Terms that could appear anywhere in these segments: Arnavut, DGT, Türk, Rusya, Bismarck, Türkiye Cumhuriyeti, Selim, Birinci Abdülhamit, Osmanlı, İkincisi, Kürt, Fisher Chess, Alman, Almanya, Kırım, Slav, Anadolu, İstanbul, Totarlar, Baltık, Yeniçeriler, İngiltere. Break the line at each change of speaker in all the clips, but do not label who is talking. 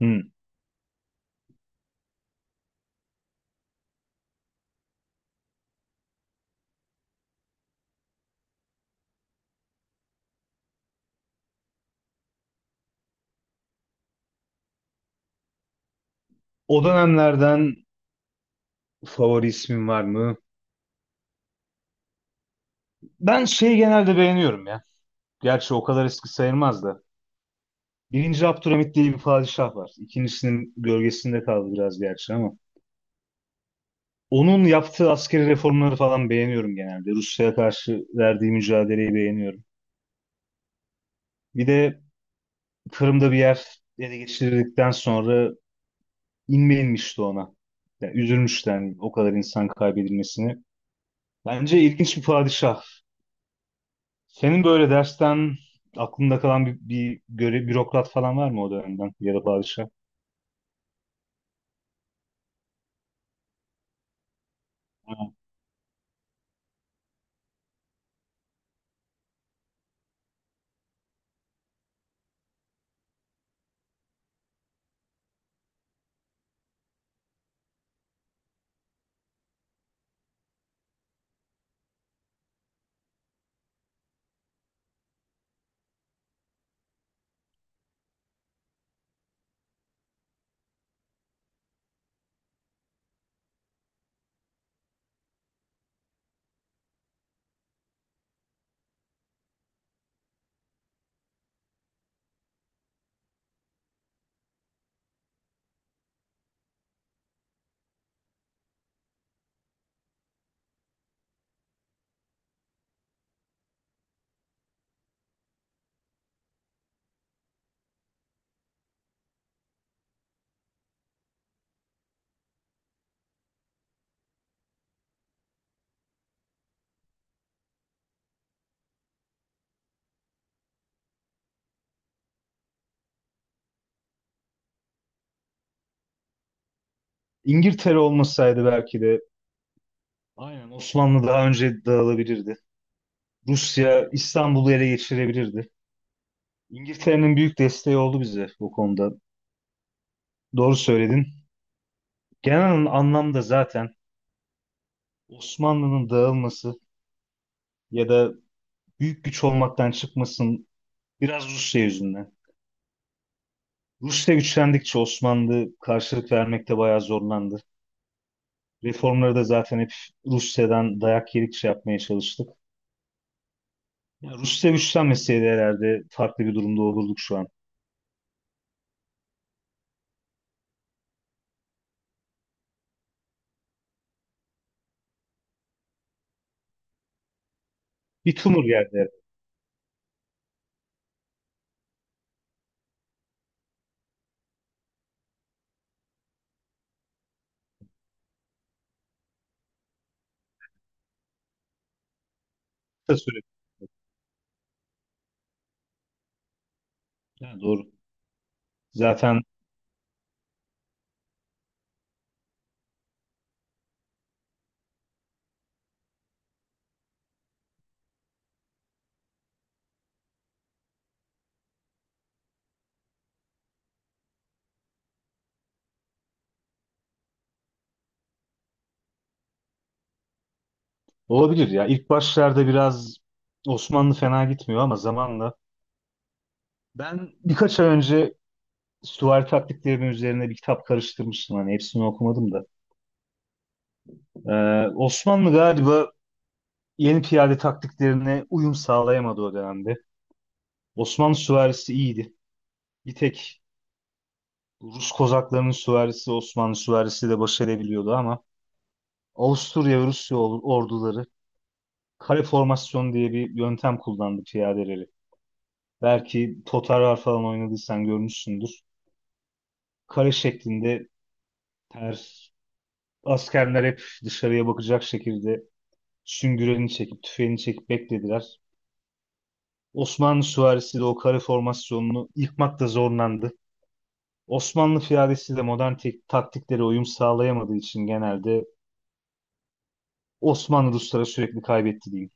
Hmm. O dönemlerden favori ismin var mı? Ben şeyi genelde beğeniyorum ya. Gerçi o kadar eski sayılmaz da. Birinci Abdülhamit diye bir padişah var. İkincisinin gölgesinde kaldı biraz gerçi ama. Onun yaptığı askeri reformları falan beğeniyorum genelde. Rusya'ya karşı verdiği mücadeleyi beğeniyorum. Bir de Kırım'da bir yer ele geçirdikten sonra inme inmişti ona. Yani üzülmüştü yani o kadar insan kaybedilmesini. Bence ilginç bir padişah. Senin böyle dersten aklında kalan bir bürokrat falan var mı o dönemden ya da padişah? Ha. İngiltere olmasaydı belki de aynen Osmanlı daha önce dağılabilirdi. Rusya İstanbul'u ele geçirebilirdi. İngiltere'nin büyük desteği oldu bize bu konuda. Doğru söyledin. Genel anlamda zaten Osmanlı'nın dağılması ya da büyük güç olmaktan çıkmasın biraz Rusya yüzünden. Rusya güçlendikçe Osmanlı karşılık vermekte bayağı zorlandı. Reformları da zaten hep Rusya'dan dayak yedikçe yapmaya çalıştık. Ya Rusya güçlenmeseydi herhalde farklı bir durumda olurduk şu an. Bir tumur geldi. Kısa süre. Ha, doğru. Zaten olabilir ya. İlk başlarda biraz Osmanlı fena gitmiyor ama zamanla. Ben birkaç ay önce süvari taktiklerinin üzerine bir kitap karıştırmıştım. Hani hepsini okumadım da. Osmanlı galiba yeni piyade taktiklerine uyum sağlayamadı o dönemde. Osmanlı süvarisi iyiydi. Bir tek Rus kozaklarının süvarisi Osmanlı süvarisi de baş edebiliyordu ama Avusturya ve Rusya orduları kare formasyon diye bir yöntem kullandı piyadeleri. Belki Totarlar falan oynadıysan görmüşsündür. Kare şeklinde ters askerler hep dışarıya bakacak şekilde süngüreni çekip tüfeğini çekip beklediler. Osmanlı süvarisi de o kare formasyonunu yıkmakta zorlandı. Osmanlı piyadesi de modern taktiklere uyum sağlayamadığı için genelde Osmanlı Ruslara sürekli kaybetti diyeyim.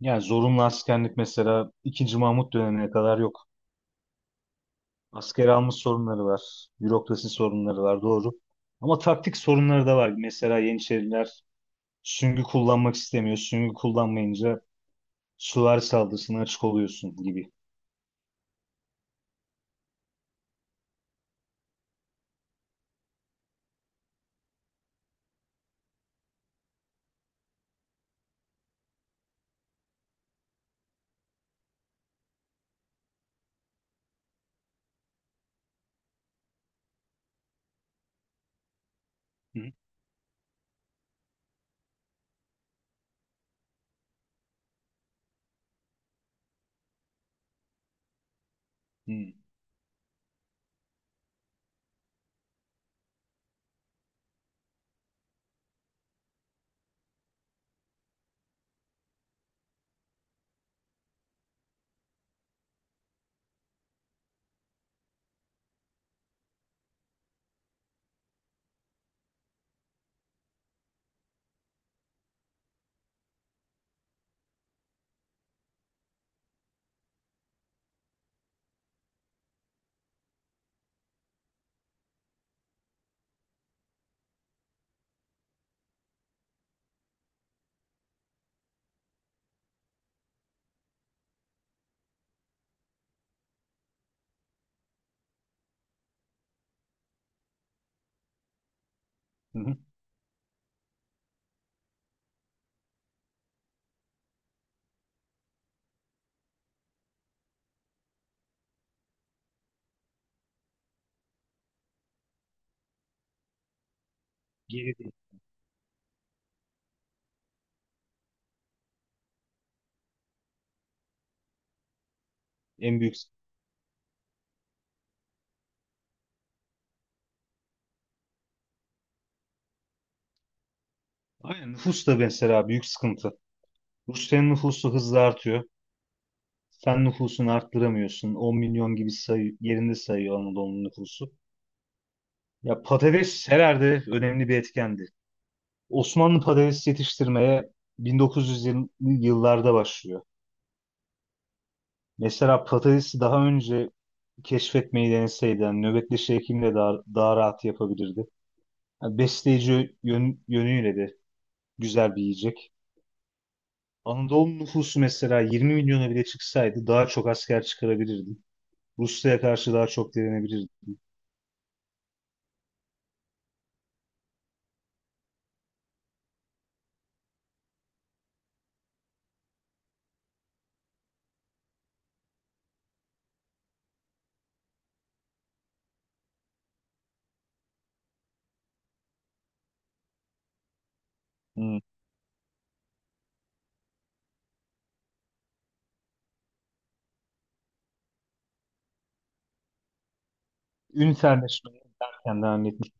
Yani zorunlu askerlik mesela ikinci Mahmut dönemine kadar yok. Asker alma sorunları var. Bürokrasi sorunları var doğru. Ama taktik sorunları da var. Mesela Yeniçeriler süngü kullanmak istemiyor. Süngü kullanmayınca süvari saldırısına açık oluyorsun gibi. Hı hı. Hı hı. Geri değil. En büyük. Aynen nüfus da mesela büyük sıkıntı. Rusya'nın nüfusu hızla artıyor. Sen nüfusunu arttıramıyorsun. 10 milyon gibi sayı, yerinde sayıyor Anadolu'nun nüfusu. Ya patates herhalde önemli bir etkendi. Osmanlı patates yetiştirmeye 1920'li yıllarda başlıyor. Mesela patatesi daha önce keşfetmeyi deneseydi, yani nöbetleşi hekimle daha rahat yapabilirdi. Yani besleyici yönüyle de güzel bir yiyecek. Anadolu nüfusu mesela 20 milyona bile çıksaydı daha çok asker çıkarabilirdi. Rusya'ya karşı daha çok direnebilirdi. Hmm. Ünferleşmeyi erken devam etmiş.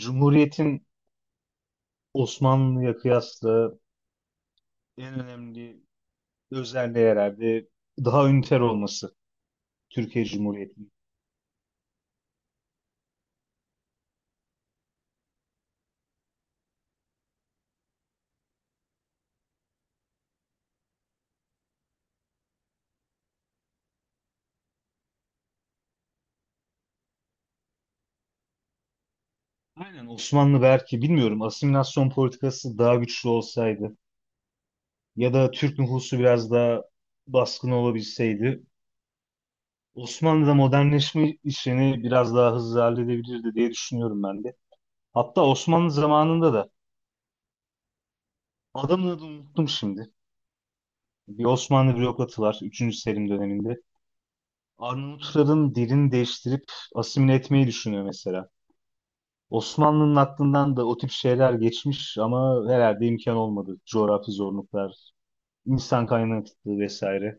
Cumhuriyet'in Osmanlı'ya kıyasla en önemli özelliği herhalde daha üniter olması Türkiye Cumhuriyeti'nin. Aynen Osmanlı belki bilmiyorum asimilasyon politikası daha güçlü olsaydı ya da Türk nüfusu biraz daha baskın olabilseydi Osmanlı'da modernleşme işini biraz daha hızlı halledebilirdi diye düşünüyorum ben de. Hatta Osmanlı zamanında da adamın adını unuttum şimdi. Bir Osmanlı bürokratı var üçüncü Selim döneminde. Arnavutların dilini değiştirip asimile etmeyi düşünüyor mesela. Osmanlı'nın aklından da o tip şeyler geçmiş ama herhalde imkan olmadı. Coğrafi zorluklar, insan kaynaklı vesaire.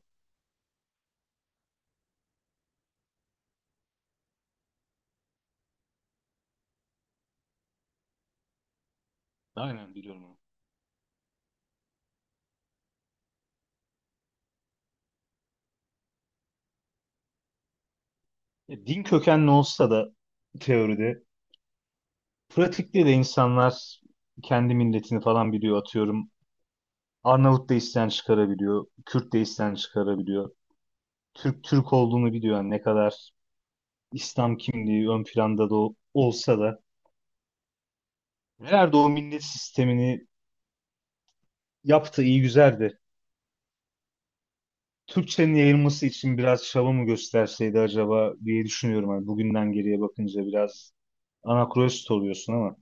Aynen biliyorum onu. Din kökenli olsa da teoride, pratikte de insanlar kendi milletini falan biliyor atıyorum. Arnavut da isten çıkarabiliyor, Kürt de isten çıkarabiliyor. Türk Türk olduğunu biliyor yani ne kadar İslam kimliği ön planda da olsa da. Herhalde o millet sistemini yaptı iyi güzel de Türkçenin yayılması için biraz çaba mı gösterseydi acaba diye düşünüyorum. Hani bugünden geriye bakınca biraz anakronist oluyorsun ama.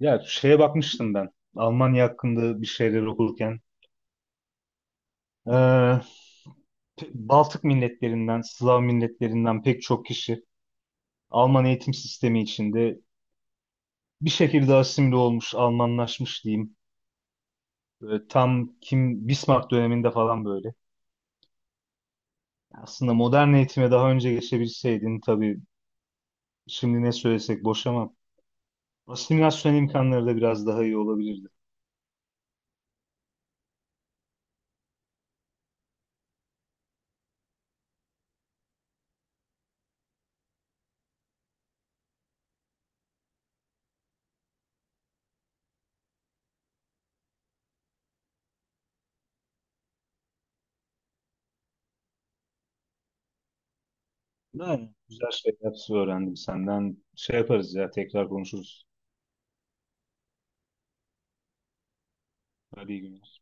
Ya şeye bakmıştım ben. Almanya hakkında bir şeyler okurken. Ee, Baltık milletlerinden, Slav milletlerinden pek çok kişi Alman eğitim sistemi içinde bir şekilde asimile olmuş, Almanlaşmış diyeyim. Böyle tam kim Bismarck döneminde falan böyle. Aslında modern eğitime daha önce geçebilseydin tabii şimdi ne söylesek boş ama asimilasyon imkanları da biraz daha iyi olabilirdi. Yani güzel şeyler öğrendim senden. Şey yaparız ya tekrar konuşuruz. Hadi iyi günler.